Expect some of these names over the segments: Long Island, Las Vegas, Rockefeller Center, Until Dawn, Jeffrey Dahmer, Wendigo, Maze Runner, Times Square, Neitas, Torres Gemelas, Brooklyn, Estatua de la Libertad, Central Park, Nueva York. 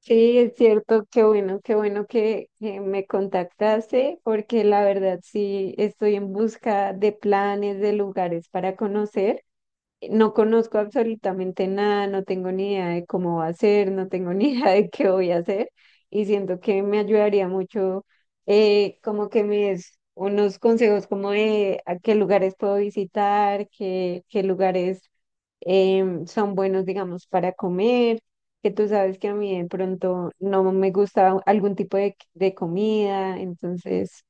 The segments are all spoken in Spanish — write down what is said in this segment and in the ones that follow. Sí, es cierto, qué bueno, qué bueno que me contactaste, porque la verdad sí estoy en busca de planes, de lugares para conocer. No conozco absolutamente nada, no tengo ni idea de cómo va a ser, no tengo ni idea de qué voy a hacer y siento que me ayudaría mucho, como que me des unos consejos como de a qué lugares puedo visitar, qué lugares son buenos, digamos, para comer, que tú sabes que a mí de pronto no me gusta algún tipo de comida, entonces,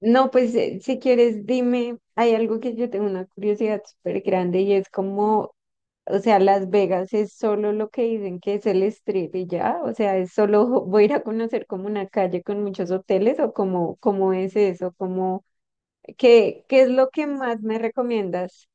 no, pues, si quieres, dime, hay algo que yo tengo una curiosidad súper grande y es como, o sea, Las Vegas es solo lo que dicen que es el strip y ya, o sea, es solo voy a ir a conocer como una calle con muchos hoteles o como, cómo es eso, como, qué es lo que más me recomiendas?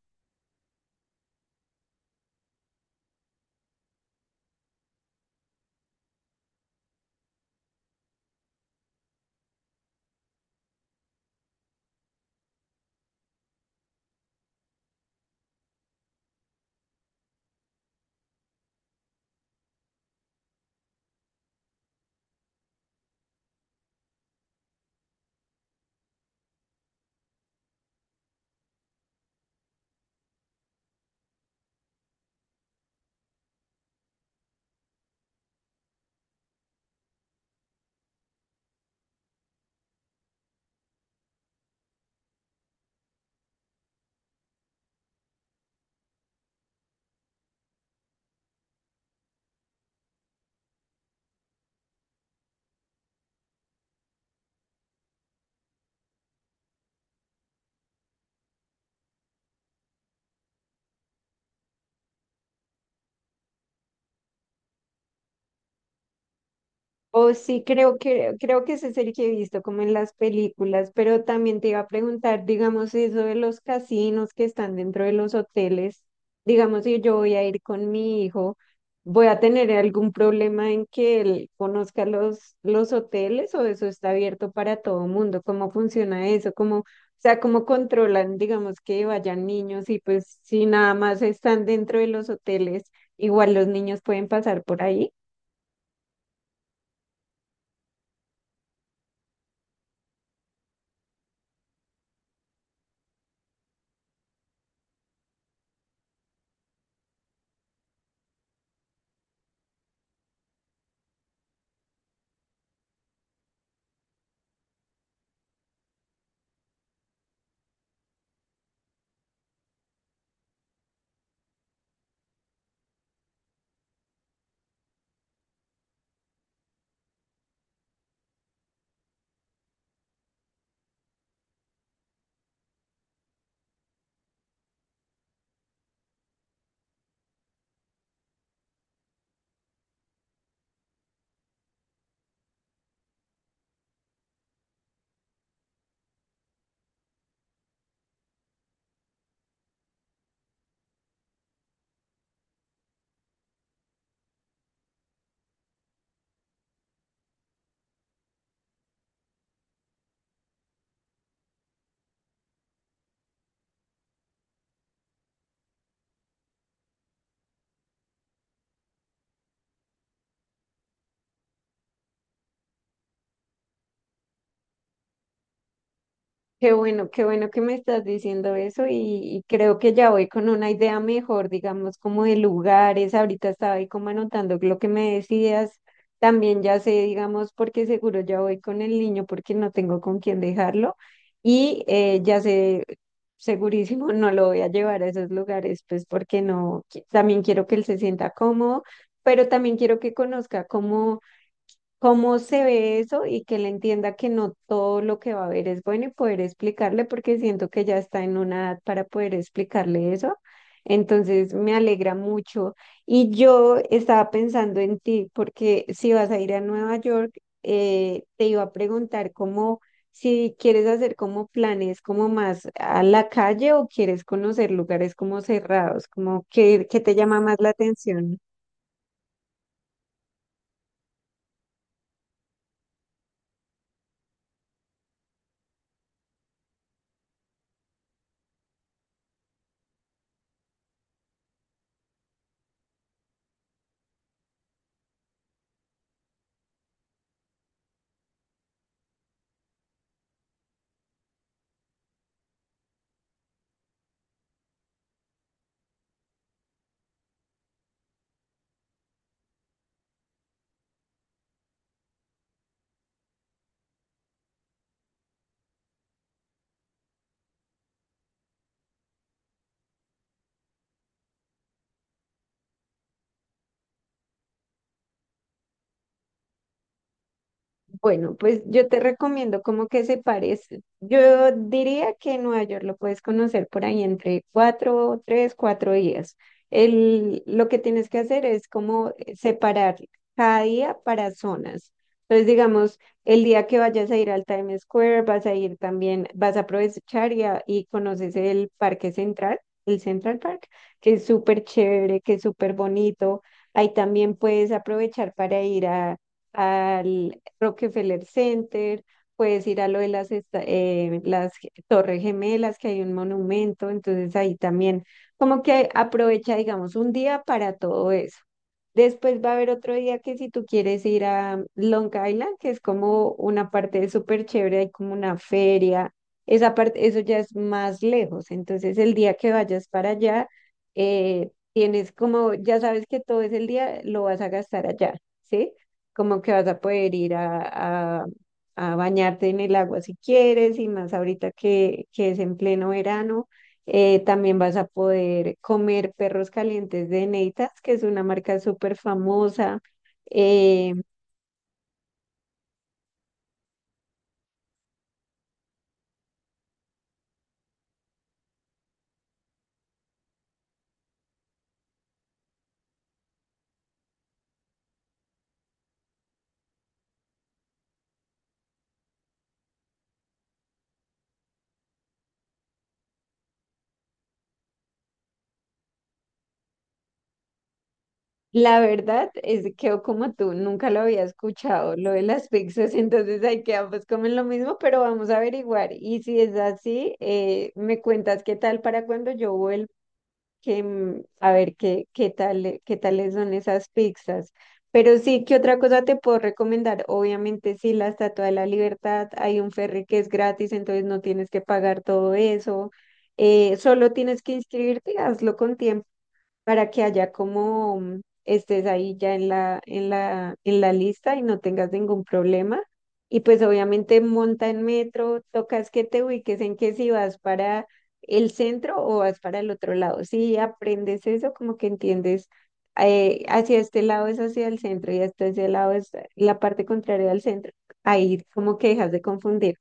Oh, sí, creo que ese es el que he visto como en las películas, pero también te iba a preguntar, digamos, eso de los casinos que están dentro de los hoteles, digamos, si yo voy a ir con mi hijo, ¿voy a tener algún problema en que él conozca los hoteles o eso está abierto para todo mundo? ¿Cómo funciona eso? ¿Cómo, o sea, cómo controlan, digamos, que vayan niños y pues si nada más están dentro de los hoteles, igual los niños pueden pasar por ahí? Qué bueno que me estás diciendo eso y creo que ya voy con una idea mejor, digamos, como de lugares. Ahorita estaba ahí como anotando lo que me decías. También ya sé, digamos, porque seguro ya voy con el niño porque no tengo con quién dejarlo. Y, ya sé, segurísimo, no lo voy a llevar a esos lugares, pues porque no, también quiero que él se sienta cómodo, pero también quiero que conozca cómo se ve eso y que él entienda que no todo lo que va a ver es bueno y poder explicarle, porque siento que ya está en una edad para poder explicarle eso. Entonces me alegra mucho. Y yo estaba pensando en ti, porque si vas a ir a Nueva York, te iba a preguntar cómo, si quieres hacer como planes como más a la calle o quieres conocer lugares como cerrados, como que te llama más la atención. Bueno, pues yo te recomiendo como que se parece. Yo diría que en Nueva York lo puedes conocer por ahí entre cuatro, tres, cuatro días. Lo que tienes que hacer es como, separar cada día para zonas. Entonces, digamos, el día que vayas a ir al Times Square, vas a ir también, vas a aprovechar y, y conoces el Parque Central, el Central Park, que es súper chévere, que es súper bonito. Ahí también puedes aprovechar para ir a al Rockefeller Center, puedes ir a lo de las, Torres Gemelas, que hay un monumento, entonces ahí también como que aprovecha, digamos, un día para todo eso. Después va a haber otro día que si tú quieres ir a Long Island, que es como una parte súper chévere, hay como una feria, esa parte, eso ya es más lejos, entonces el día que vayas para allá, tienes como, ya sabes que todo ese día lo vas a gastar allá, ¿sí? Como que vas a poder ir a, a bañarte en el agua si quieres, y más ahorita que es en pleno verano. También vas a poder comer perros calientes de Neitas, que es una marca súper famosa. Eh, la verdad es que yo como tú nunca lo había escuchado, lo de las pizzas, entonces hay que ambos comen lo mismo, pero vamos a averiguar. Y si es así, me cuentas qué tal para cuando yo vuelva a ver qué, qué tales son esas pizzas. Pero sí, ¿qué otra cosa te puedo recomendar? Obviamente, sí, la Estatua de la Libertad, hay un ferry que es gratis, entonces no tienes que pagar todo eso. Solo tienes que inscribirte, hazlo con tiempo para que haya como, estés ahí ya en la, en la, en la lista y no tengas ningún problema. Y pues obviamente monta en metro, tocas que te ubiques en que si vas para el centro o vas para el otro lado. Si aprendes eso, como que entiendes, hacia este lado es hacia el centro y hasta ese lado es la parte contraria al centro. Ahí como que dejas de confundir.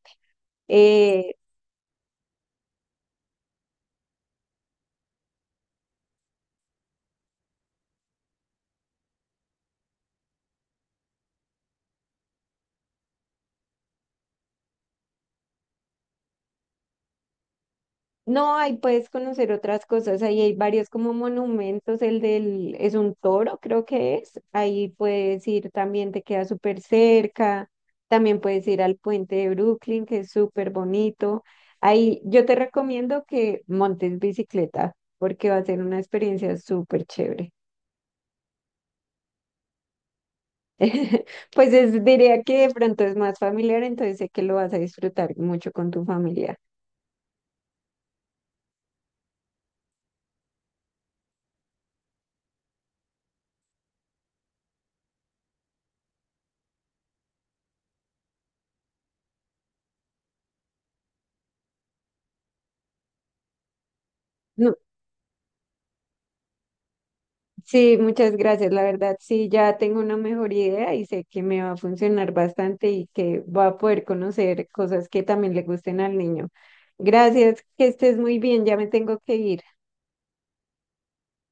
No, ahí puedes conocer otras cosas, ahí hay varios como monumentos, el del, es un toro, creo que es, ahí puedes ir también, te queda súper cerca, también puedes ir al puente de Brooklyn, que es súper bonito. Ahí yo te recomiendo que montes bicicleta, porque va a ser una experiencia súper chévere. Pues es, diría que de pronto es más familiar, entonces sé que lo vas a disfrutar mucho con tu familia. Sí, muchas gracias. La verdad, sí, ya tengo una mejor idea y sé que me va a funcionar bastante y que va a poder conocer cosas que también le gusten al niño. Gracias, que estés muy bien, ya me tengo que ir.